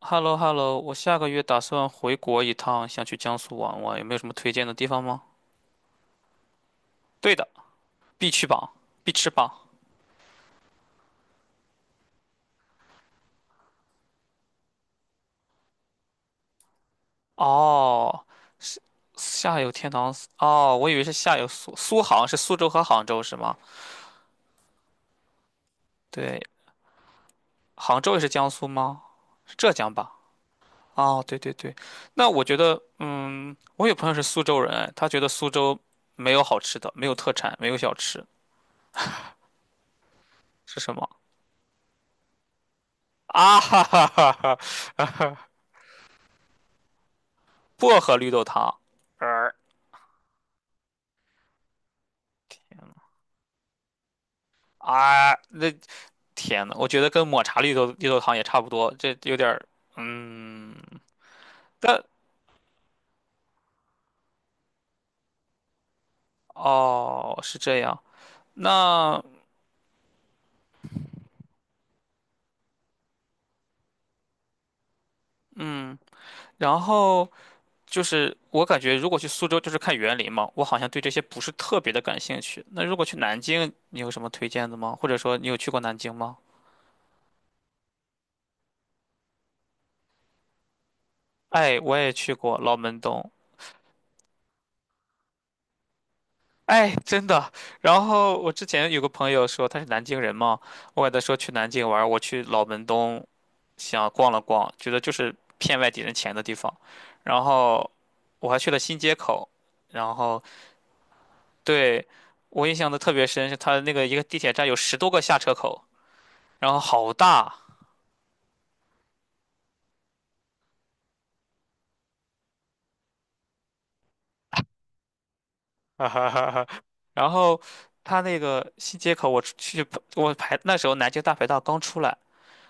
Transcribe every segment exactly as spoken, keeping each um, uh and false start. h e l l o h e l l o 我下个月打算回国一趟，想去江苏玩玩，有没有什么推荐的地方吗？对的，必去榜，必吃榜。哦，是下有天堂，哦，我以为是下有苏苏杭，是苏州和杭州是吗？对，杭州也是江苏吗？是浙江吧？哦，对对对，那我觉得，嗯，我有朋友是苏州人，哎他觉得苏州没有好吃的，没有特产，没有小吃，是什么？啊哈哈哈哈！薄荷绿豆汤。呃啊，那天呐，我觉得跟抹茶绿豆绿豆汤也差不多，这有点儿，嗯，但哦是这样，那嗯，然后就是我感觉如果去苏州就是看园林嘛，我好像对这些不是特别的感兴趣。那如果去南京，你有什么推荐的吗？或者说你有去过南京吗？哎，我也去过老门东。哎，真的。然后我之前有个朋友说他是南京人嘛，我给他说去南京玩儿我去老门东想逛了逛，觉得就是骗外地人钱的地方。然后我还去了新街口，然后对我印象的特别深是他那个一个地铁站有十多个下车口，然后好大，哈哈哈哈然后他那个新街口我出去我排那时候南京大排档刚出来。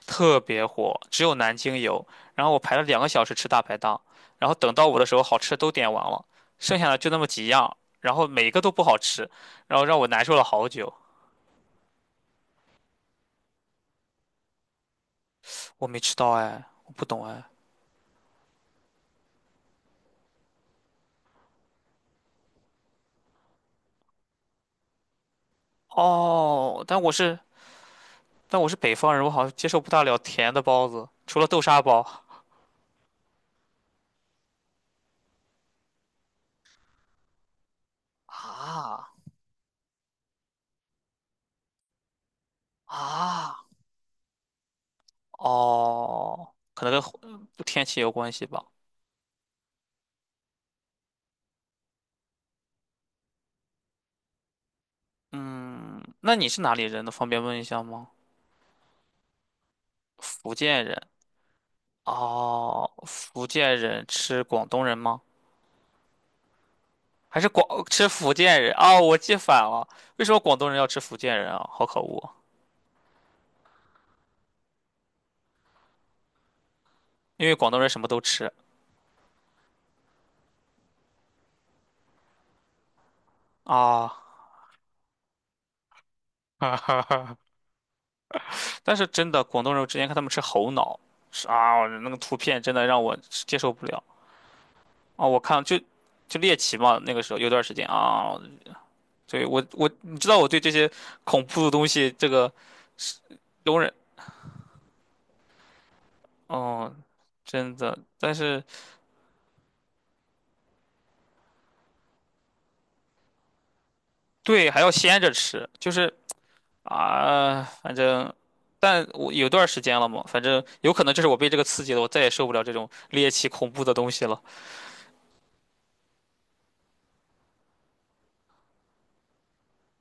特别火，只有南京有。然后我排了两个小时吃大排档，然后等到我的时候，好吃的都点完了，剩下的就那么几样，然后每一个都不好吃，然后让我难受了好久。我没吃到哎，我不懂哎。哦，但我是但我是北方人，我好像接受不大了甜的包子，除了豆沙包。啊啊哦，可能跟后天气有关系吧。嗯，那你是哪里人呢？方便问一下吗？福建人。哦，福建人吃广东人吗？还是广吃福建人？哦，我记反了。为什么广东人要吃福建人啊？好可恶！因为广东人什么都吃啊。但是真的，广东人我之前看他们吃猴脑，是啊，那个图片真的让我接受不了啊！我看就就猎奇嘛，那个时候有段时间啊，对我我你知道我对这些恐怖的东西这个是容忍，哦，真的，但是对还要鲜着吃，就是。啊，反正，但我有段儿时间了嘛，反正有可能就是我被这个刺激了，我再也受不了这种猎奇恐怖的东西了，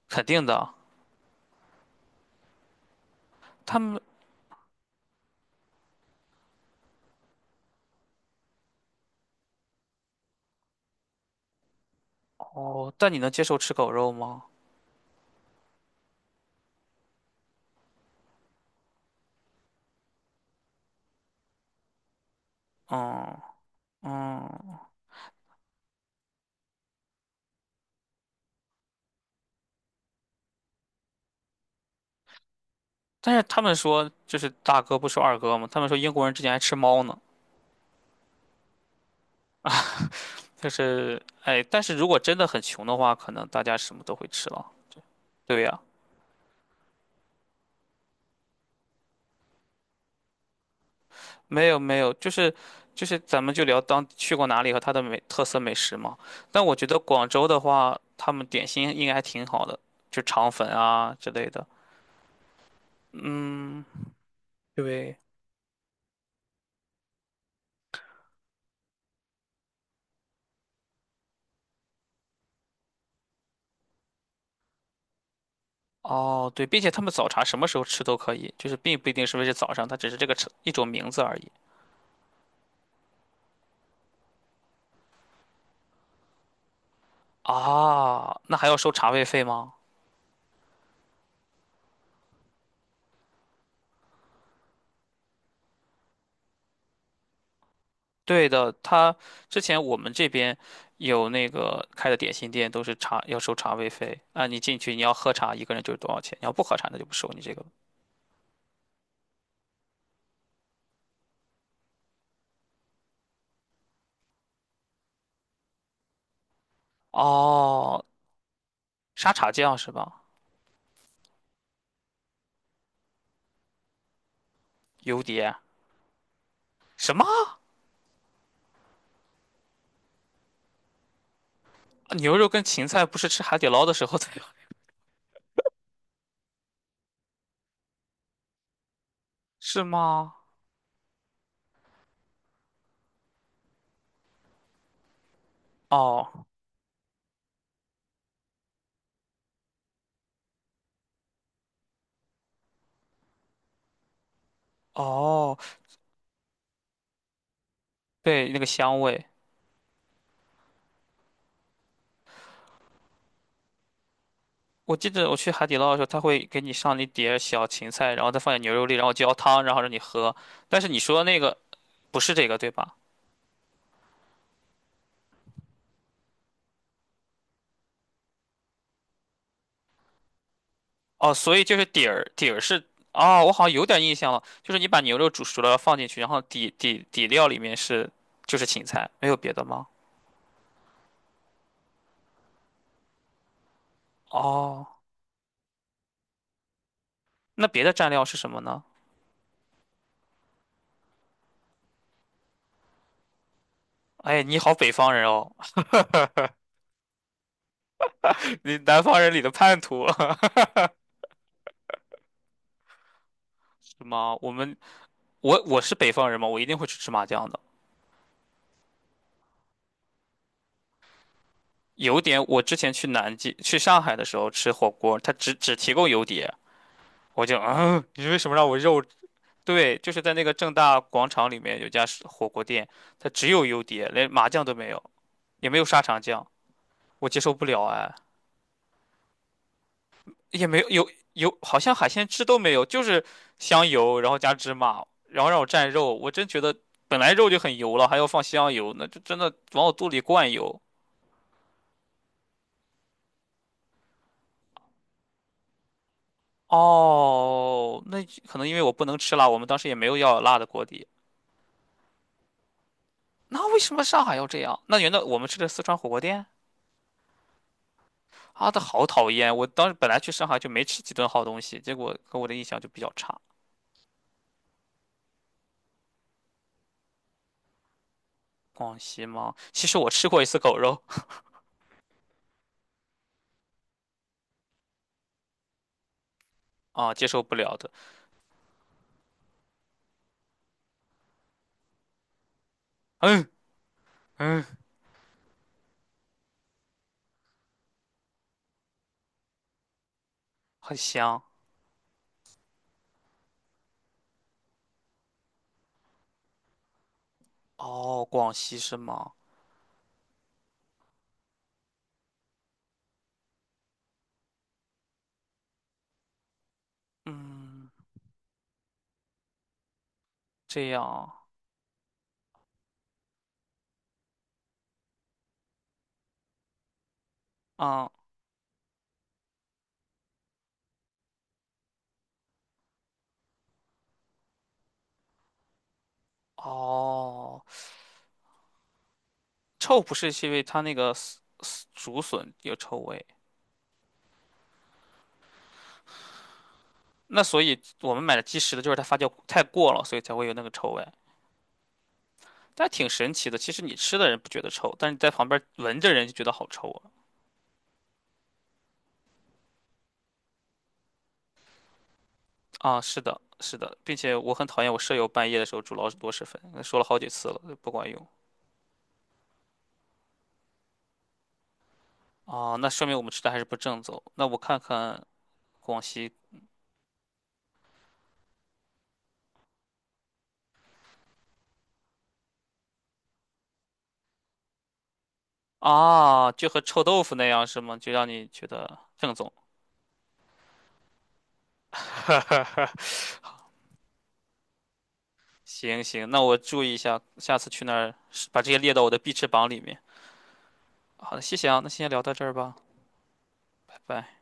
肯定的啊。他们哦，但你能接受吃狗肉吗？嗯嗯，但是他们说就是大哥不说二哥嘛，他们说英国人之前还吃猫呢，就是哎，但是如果真的很穷的话，可能大家什么都会吃了。对呀。没有没有，就是就是咱们就聊当去过哪里和它的美特色美食嘛。但我觉得广州的话，他们点心应该还挺好的，就肠粉啊之类的。嗯，对，哦对，并且他们早茶什么时候吃都可以，就是并不一定是不是早上，它只是这个吃一种名字而已。啊，那还要收茶位费吗？对的，他之前我们这边有那个开的点心店，都是茶要收茶位费啊。你进去你要喝茶，一个人就是多少钱？你要不喝茶，那就不收你这个。哦，沙茶酱是吧？油碟？什么？牛肉跟芹菜不是吃海底捞的时候才有？是吗？哦哦，对，那个香味。我记得我去海底捞的时候，他会给你上一碟小芹菜，然后再放点牛肉粒，然后浇汤，然后让你喝。但是你说那个不是这个对吧？哦，所以就是底儿，底儿是哦，我好像有点印象了，就是你把牛肉煮熟了放进去，然后底底底料里面是就是芹菜，没有别的吗？哦，那别的蘸料是什么呢？哎，你好，北方人哦，你南方人里的叛徒 是吗？我们我我是北方人嘛，我一定会去吃麻酱的。油碟，我之前去南京、去上海的时候吃火锅，他只只提供油碟，我就啊，你为什么让我肉？对，就是在那个正大广场里面有家是火锅店，它只有油碟，连麻酱都没有，也没有沙茶酱，我接受不了哎。也没有有有，好像海鲜汁都没有，就是香油，然后加芝麻，然后让我蘸肉。我真觉得本来肉就很油了，还要放香油，那就真的往我肚里灌油。哦，那可能因为我不能吃辣，我们当时也没有要辣的锅底。那为什么上海要这样？那原来我们吃的四川火锅店啊，的好讨厌！我当时本来去上海就没吃几顿好东西，结果给我的印象就比较差。广西吗？其实我吃过一次狗肉 啊，接受不了的。嗯嗯，很香。哦，广西是吗？嗯，这样，嗯，哦，臭不是是因为它那个笋笋竹笋有臭味，那所以我们买的即食的就是它发酵太过了，所以才会有那个臭味，但挺神奇的。其实你吃的人不觉得臭，但是你在旁边闻着人就觉得好臭啊！啊，是的，是的，并且我很讨厌我舍友半夜的时候煮老鼠螺蛳粉，说了好几次了，不管用。啊，那说明我们吃的还是不正宗。那我看看广西啊，就和臭豆腐那样是吗？就让你觉得正宗。行行，那我注意一下，下次去那儿把这些列到我的必吃榜里面。好的，谢谢啊，那先聊到这儿吧，拜拜。